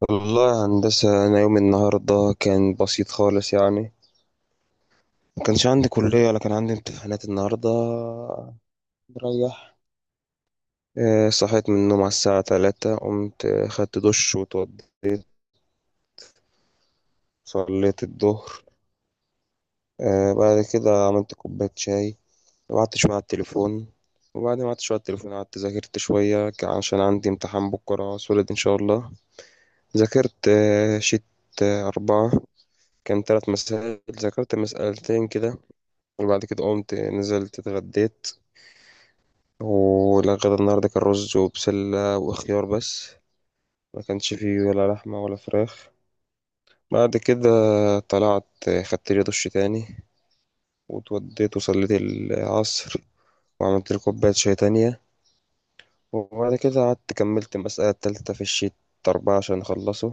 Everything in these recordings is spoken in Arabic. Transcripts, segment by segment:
والله يا هندسة، أنا يوم النهاردة كان بسيط خالص يعني. ما كانش عندي كلية ولا كان عندي امتحانات النهاردة، مريح. صحيت من النوم على الساعة 3، قمت خدت دش وتوضيت، صليت الظهر. بعد كده عملت كوباية شاي وقعدت شوية على التليفون. وبعد ما قعدت شوية على التليفون، قعدت ذاكرت شوية عشان عندي امتحان بكرة سولد إن شاء الله. ذاكرت شيت أربعة، كان تلات مسائل، ذاكرت مسألتين كده. وبعد كده قمت نزلت اتغديت، والغدا النهاردة كان رز وبسلة وخيار بس، ما كانش فيه ولا لحمة ولا فراخ. بعد كده طلعت، خدت لي دش تاني واتوديت وصليت العصر، وعملت لي كوباية شاي تانية. وبعد كده قعدت كملت المسألة التالتة في الشيت أربعة عشان أخلصه.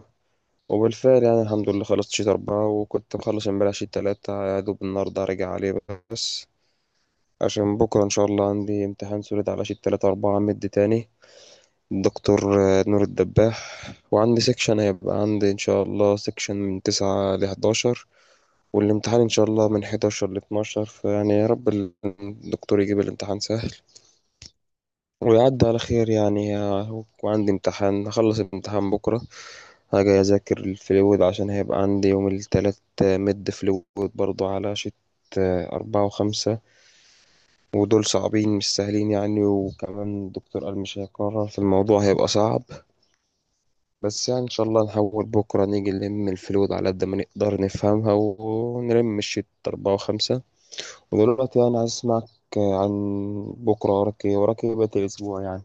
وبالفعل يعني الحمد لله خلصت شيت أربعة، وكنت مخلص امبارح شيت تلاتة يا دوب، النهاردة هرجع عليه بس. عشان بكرة إن شاء الله عندي امتحان سوليد على شيت تلاتة أربعة مد تاني، دكتور نور الدباح، وعندي سيكشن، هيبقى عندي إن شاء الله سيكشن من 9 لـ11، والامتحان إن شاء الله من 11 لـ12. فيعني يا رب الدكتور يجيب الامتحان سهل ويعدي على خير يعني. وعندي امتحان، هخلص الامتحان بكرة هاجي أذاكر الفلويد، عشان هيبقى عندي يوم التلات مد فلويد برضو على شت أربعة وخمسة، ودول صعبين مش سهلين يعني. وكمان الدكتور قال مش هيكرر في الموضوع، هيبقى صعب بس. يعني ان شاء الله نحاول بكره نيجي نلم الفلود على قد ما نقدر نفهمها، ونلم الشيت اربعة وخمسة. ودلوقتي انا عايز اسمعك عن بكره، وراك ايه وراك ايه بقية الاسبوع يعني؟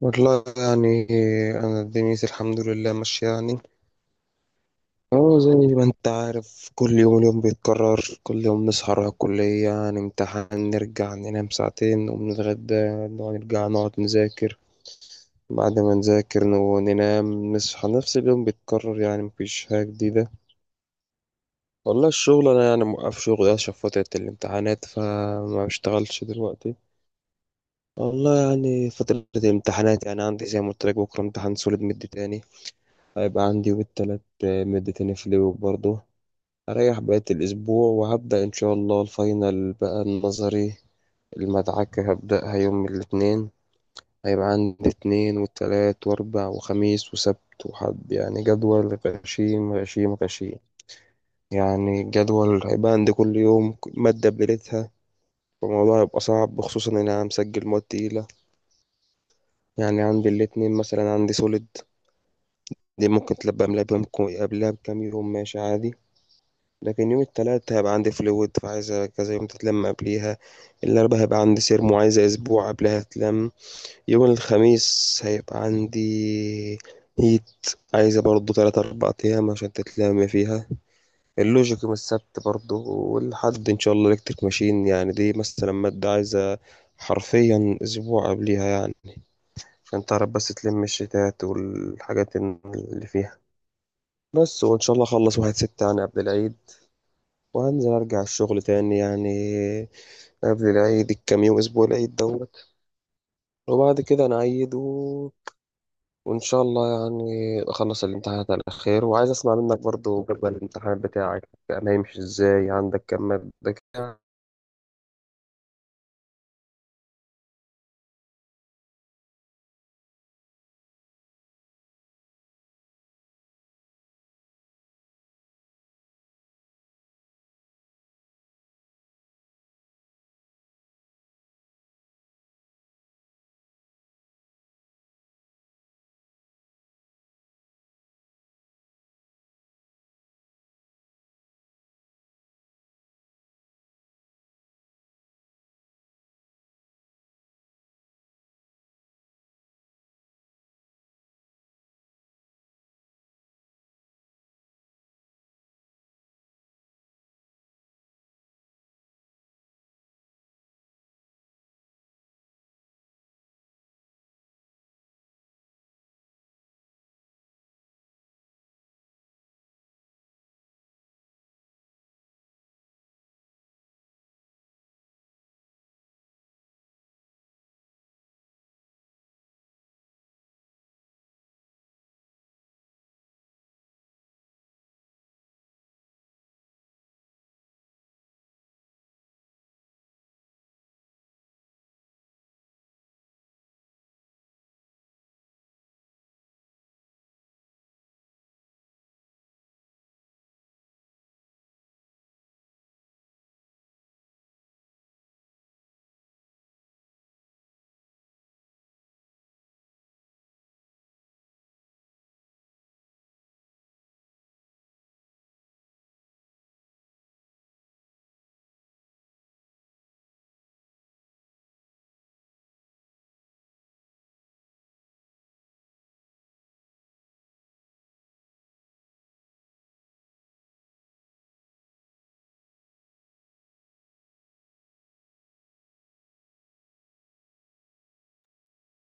والله يعني أنا دنيتي الحمد لله ماشية يعني. أهو زي ما أنت عارف، كل يوم اليوم بيتكرر، كل يوم نصحى نروح الكلية، نمتحن، نرجع ننام ساعتين، نقوم نتغدى، نرجع نقعد نذاكر، بعد ما نذاكر ننام، نصحى، نفس اليوم بيتكرر يعني مفيش حاجة جديدة. والله الشغل انا يعني موقف شغل عشان فترة الامتحانات، فما بشتغلش دلوقتي. والله يعني فترة الامتحانات، يعني عندي زي ما قلت لك بكرة امتحان سوليد مد تاني هيبقى عندي، والتلات مد تاني في اليوم برضه. هريح بقية الأسبوع وهبدأ إن شاء الله الفاينل بقى، النظري المدعكة هبدأها يوم الاثنين. هيبقى عندي اتنين وتلات وأربع وخميس وسبت وحد، يعني جدول غشيم غشيم غشيم. يعني الجدول هيبقى عندي كل يوم مادة بليلتها، فالموضوع هيبقى صعب خصوصا ان انا مسجل مواد تقيلة. يعني عندي الاتنين مثلا عندي سوليد، دي ممكن تلبى قبلها بيوم قبلها بكام يوم ماشي عادي. لكن يوم التلات هيبقى عندي فلويد، فعايز كذا يوم تتلم قبليها. الأربعاء هيبقى عندي سيرمو، عايزة أسبوع قبلها تلم. يوم الخميس هيبقى عندي هيت، عايزة برضو تلات أربع أيام عشان تتلم فيها. اللوجيك يوم السبت برضو، والحد إن شاء الله إلكتريك ماشين، يعني دي مثلا مادة عايزة حرفيا أسبوع قبليها يعني، عشان تعرف بس تلم الشتات والحاجات اللي فيها بس. وإن شاء الله أخلص 1/6 يعني قبل العيد، وهنزل أرجع الشغل تاني يعني. قبل العيد الكام يوم، أسبوع العيد دوت، وبعد كده نعيد، و... وإن شاء الله يعني أخلص الامتحانات على خير. وعايز أسمع منك برضو، جدول الامتحان بتاعك كان هيمشي إزاي؟ عندك كام مادة كده؟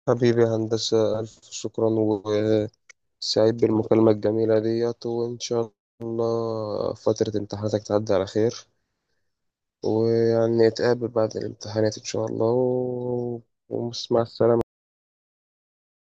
حبيبي يا هندسة، ألف شكرا، وسعيد بالمكالمة الجميلة ديت، وإن شاء الله فترة امتحاناتك تعدي على خير، ويعني نتقابل بعد الامتحانات إن شاء الله، و... ومع السلامة.